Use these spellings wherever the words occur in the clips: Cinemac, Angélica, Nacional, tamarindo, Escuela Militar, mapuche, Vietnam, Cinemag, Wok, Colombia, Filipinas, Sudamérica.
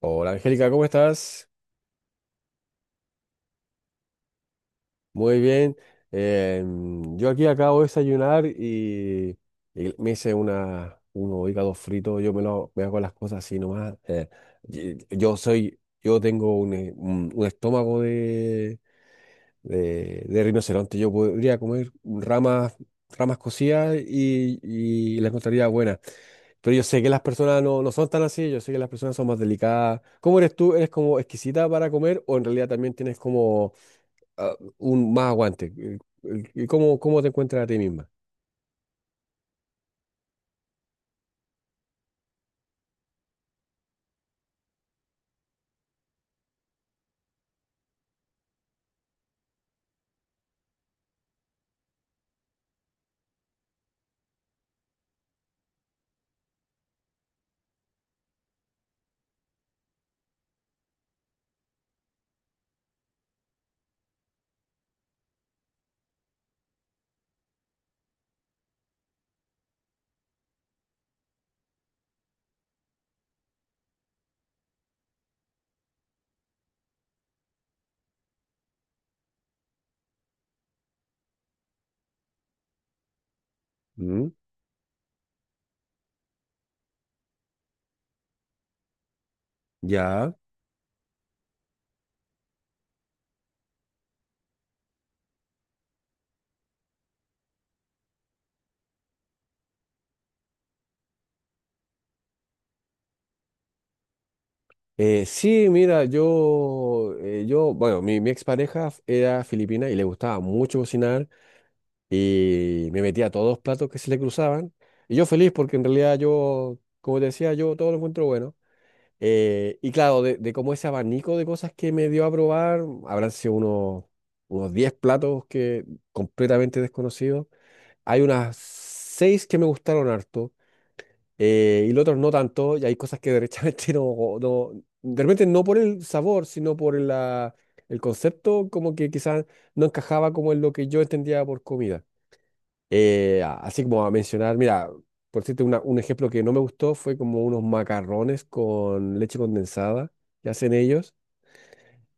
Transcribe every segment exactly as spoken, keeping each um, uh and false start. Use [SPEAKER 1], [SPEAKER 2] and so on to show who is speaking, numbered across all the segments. [SPEAKER 1] Hola Angélica, ¿cómo estás? Muy bien. Em, yo aquí acabo de desayunar y, y me hice una, unos hígados fritos. Yo me, lo, me hago las cosas así nomás. eh, y- yo soy, yo tengo un, eh, un- un estómago de, de, de rinoceronte. Yo podría comer ramas, ramas cocidas y, y las encontraría buenas. Pero yo sé que las personas no, no son tan así. Yo sé que las personas son más delicadas. ¿Cómo eres tú? ¿Eres como exquisita para comer o en realidad también tienes como ah, un más aguante? Eh, eh, ¿Cómo, cómo te encuentras a ti misma? Mm. Ya. Eh, sí, mira, yo, eh, yo, bueno, mi, mi expareja f- era filipina y le gustaba mucho cocinar y me metía a todos los platos que se le cruzaban. Y yo feliz porque en realidad yo, como te decía, yo todo lo encuentro bueno. Eh, y claro, de, de como ese abanico de cosas que me dio a probar, habrán sido unos, unos diez platos que completamente desconocidos. Hay unas seis que me gustaron harto. Eh, y los otros no tanto, y hay cosas que derechamente no, no, de repente no por el sabor, sino por la, el concepto, como que quizás no encajaba como en lo que yo entendía por comida. Eh, a- así como a mencionar, mira, por decirte una- un ejemplo que no me gustó fue como unos macarrones con leche condensada que hacen ellos,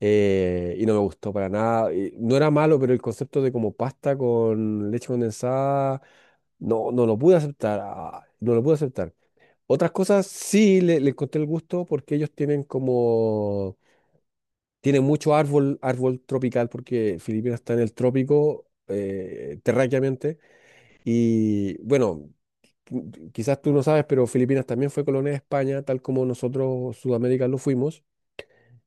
[SPEAKER 1] eh, y no me gustó para nada. Y no era malo, pero el concepto de como pasta con leche condensada, no, no lo pude aceptar, ah, no lo pude aceptar. Otras cosas sí le, le encontré el gusto porque ellos tienen como, tienen mucho árbol, árbol tropical porque Filipinas está en el trópico, eh, terráqueamente. Y bueno, qui- quizás tú no sabes, pero Filipinas también fue colonia de España, tal como nosotros Sudamérica lo fuimos.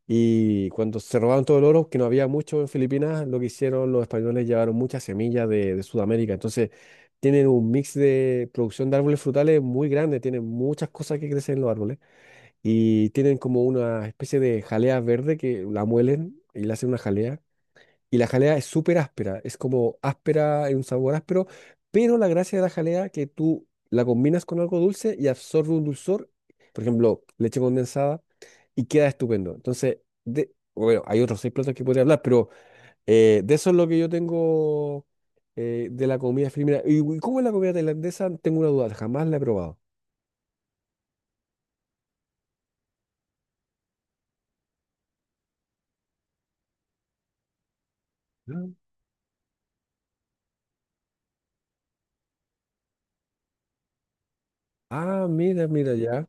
[SPEAKER 1] Y cuando se robaron todo el oro, que no había mucho en Filipinas, lo que hicieron los españoles llevaron muchas semillas de, de Sudamérica. Entonces tienen un mix de producción de árboles frutales muy grande, tienen muchas cosas que crecen en los árboles y tienen como una especie de jalea verde que la muelen y le hacen una jalea. Y la jalea es súper áspera, es como áspera, en un sabor áspero, pero la gracia de la jalea que tú la combinas con algo dulce y absorbe un dulzor, por ejemplo, leche condensada, y queda estupendo. Entonces, de, bueno, hay otros seis platos que podría hablar, pero eh, de eso es lo que yo tengo eh, de la comida filipina. ¿Y y cómo es la comida tailandesa? Tengo una duda, jamás la he probado. Mm. Ah, mira, mira, ya.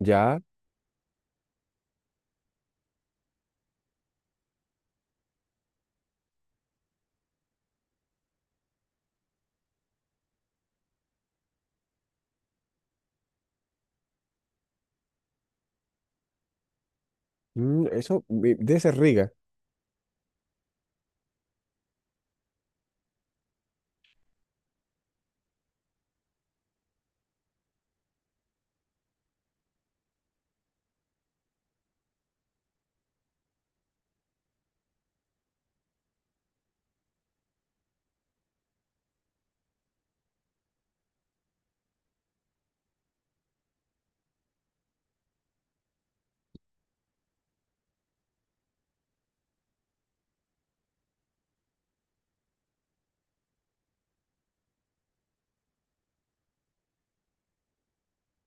[SPEAKER 1] Ya. Mm, eso eh, debe ser Riga.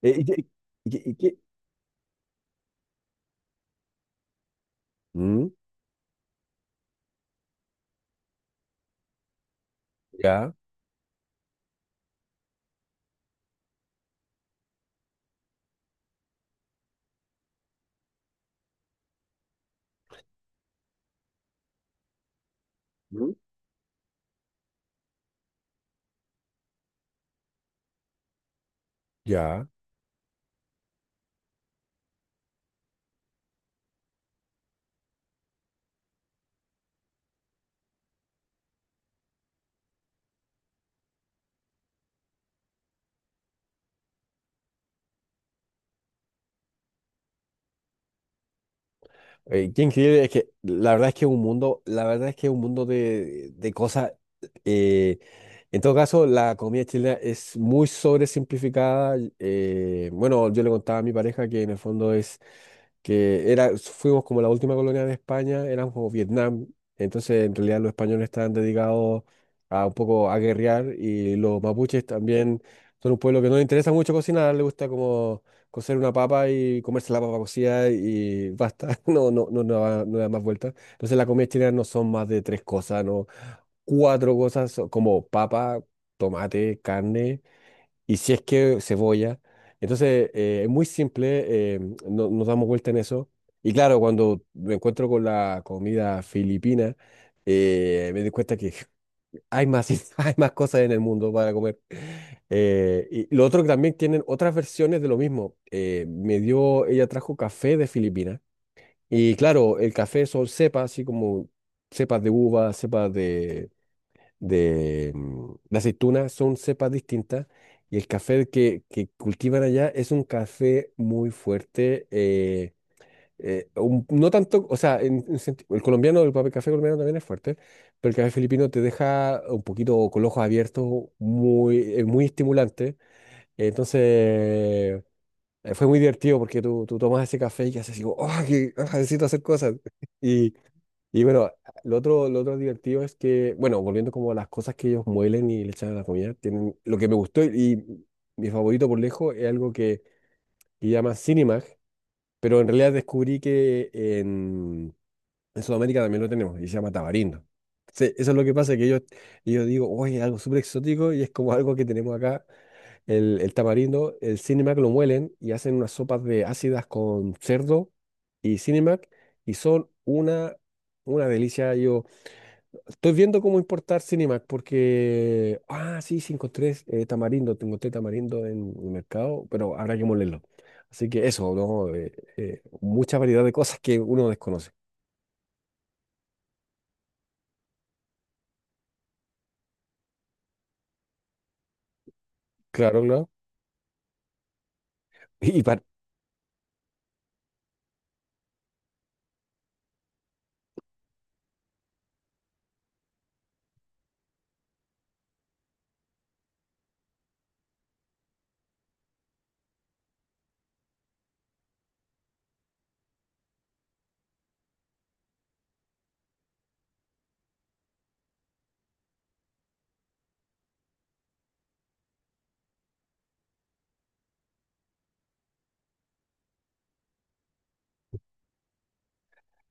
[SPEAKER 1] Eh, ¿y qué- y qué- y qué- Mm, ya. Mm. Ya. Eh, qué increíble, es que la verdad es que es un mundo, la verdad es que es un mundo de, de cosas. eh, en todo caso, la comida chilena es muy sobresimplificada. Eh, bueno, yo le contaba a mi pareja que en el fondo es que era, fuimos como la última colonia de España, éramos como Vietnam, entonces en realidad los españoles estaban dedicados a un poco a guerrear y los mapuches también son un pueblo que no le interesa mucho cocinar, le gusta como cocer una papa y comerse la papa cocida y basta, no, no, no, no, da- no da más vueltas. Entonces la comida chilena no son más de tres cosas, no, cuatro cosas so- como papa, tomate, carne y si es que cebolla. Entonces, eh, es muy simple, eh, no- nos damos vuelta en eso. Y claro, cuando me encuentro con la comida filipina, eh, me doy cuenta que hay más, hay más cosas en el mundo para comer. Eh, y lo otro que también tienen otras versiones de lo mismo. Eh, me dio, ella trajo café de Filipinas. Y claro, el café son cepas, así como cepas de uva, cepas de, de, mm, de aceituna son cepas distintas y el café que, que cultivan allá es un café muy fuerte. eh, eh, un- no tanto, o sea, en- en senti- el colombiano, el papel café colombiano también es fuerte, pero el café filipino te deja un poquito con los ojos abiertos, muy, eh, muy estimulante. Entonces, eh, fue muy divertido porque tú, tú tomas ese café y haces así, como, "Oh, que, ah, necesito hacer cosas!" Y, y bueno, lo otro, lo otro divertido es que, bueno, volviendo como a las cosas que ellos muelen y le echan a la comida, tienen, lo que me gustó y, mi favorito por lejos es algo que, que llama Cinemag, pero en realidad descubrí que en, en Sudamérica también lo tenemos y se llama tamarindo. Se- eso es lo que pasa, que ellos, yo digo, oye, es algo súper exótico y es como algo que tenemos acá, el, el tamarindo, el Cinemag lo muelen y hacen unas sopas de ácidas con cerdo y Cinemag y son una... una delicia, yo estoy viendo cómo importar Cinemac porque... Ah, sí, sí, encontré eh, tamarindo, te encontré tamarindo en el mercado, pero habrá que molerlo. Así que eso, ¿no? Eh, eh, mucha variedad de cosas que uno desconoce. Claro, claro. Y, para...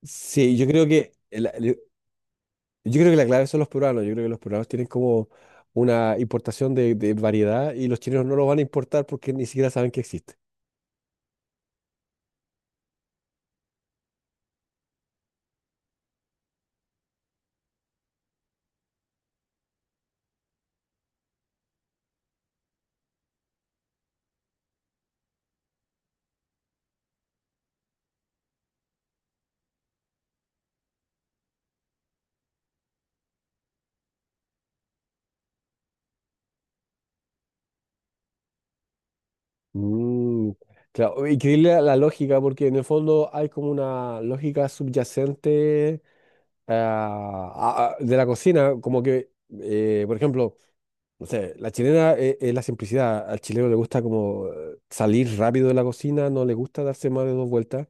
[SPEAKER 1] Sí, yo creo que el- el- yo creo que la clave son los peruanos. Yo creo que los peruanos tienen como una importación de, de variedad y los chinos no lo van a importar porque ni siquiera saben que existe. Mm, claro, increíble la, la lógica, porque en el fondo hay como una lógica subyacente ah, a- de la cocina, como que, eh, por ejemplo, no sé, la chilena e- es, la simplicidad. Al chileno le gusta como eh, salir rápido de la cocina, no le gusta darse más de dos vueltas.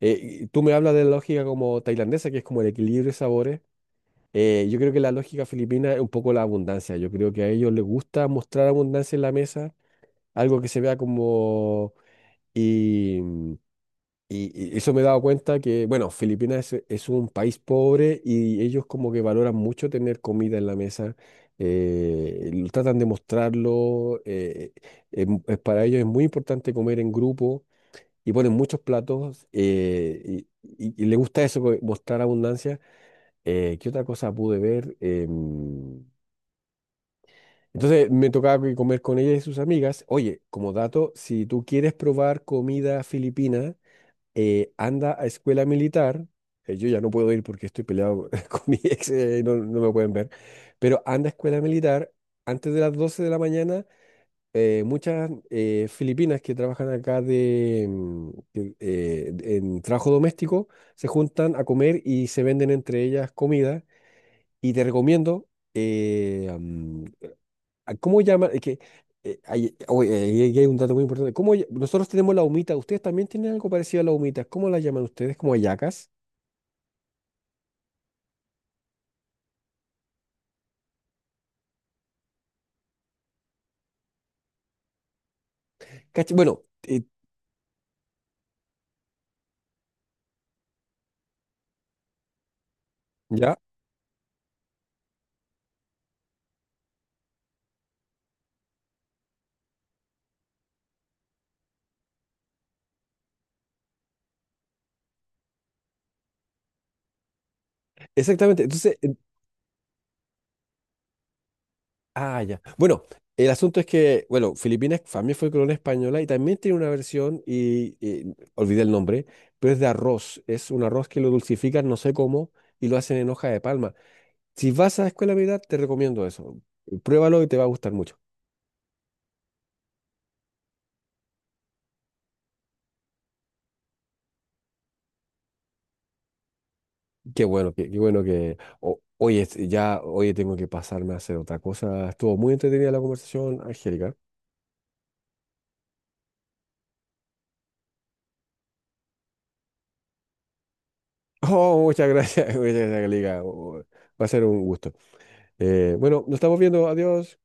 [SPEAKER 1] Eh, y tú me hablas de la lógica como tailandesa, que es como el equilibrio de sabores. Eh, yo creo que la lógica filipina es un poco la abundancia. Yo creo que a ellos les gusta mostrar abundancia en la mesa, algo que se vea como... Y, y, y eso me he dado cuenta que, bueno, Filipinas es, es un país pobre y ellos como que valoran mucho tener comida en la mesa, eh, lo tratan de mostrarlo, eh, es mu- es para ellos es muy importante comer en grupo y ponen muchos platos eh, y, y- y les gusta eso, co- mostrar abundancia. Eh, ¿qué otra cosa pude ver? Em, entonces me tocaba que comer con ella y sus amigas. Oye, como dato, si tú quieres probar comida filipina, eh, anda a escuela militar, eh, yo ya no puedo ir porque estoy peleado con mi ex, eh, no, no me pueden ver, pero anda a escuela militar antes de las doce de la mañana. Eh, muchas eh, filipinas que trabajan acá de, mm, que, eh, en trabajo doméstico se juntan a comer y se venden entre ellas comida. Y te recomiendo, eh, am, ah, ¿cómo llaman? Es que eh, hay, oh, eh, ahí hay, un dato muy importante. ¿Cómo, ll- nosotros tenemos la humita. ¿Ustedes también tienen algo parecido a la humita? ¿Cómo la llaman ustedes? ¿Como hallacas? Cacha- Bueno, eh, ya, exactamente. Entonces, eh, ah, ya. Bueno, el asunto es que, bueno, Filipinas también fue colonia española y también tiene una versión, y, y olvidé el nombre, pero es de arroz. Es un arroz que lo dulcifican, no sé cómo, y lo hacen en hoja de palma. Si vas a Escuela Militar, te recomiendo eso. Pruébalo y te va a gustar mucho. Qué bueno, qué, qué bueno que... o- oye, es- ya, oye, tengo que pasarme a hacer otra cosa. Estuvo muy entretenida la conversación, Angélica. Oh, muchas gracias, muchas gracias, Angélica. Oh, oh, va a ser un gusto. Eh, bueno, nos estamos viendo. Adiós.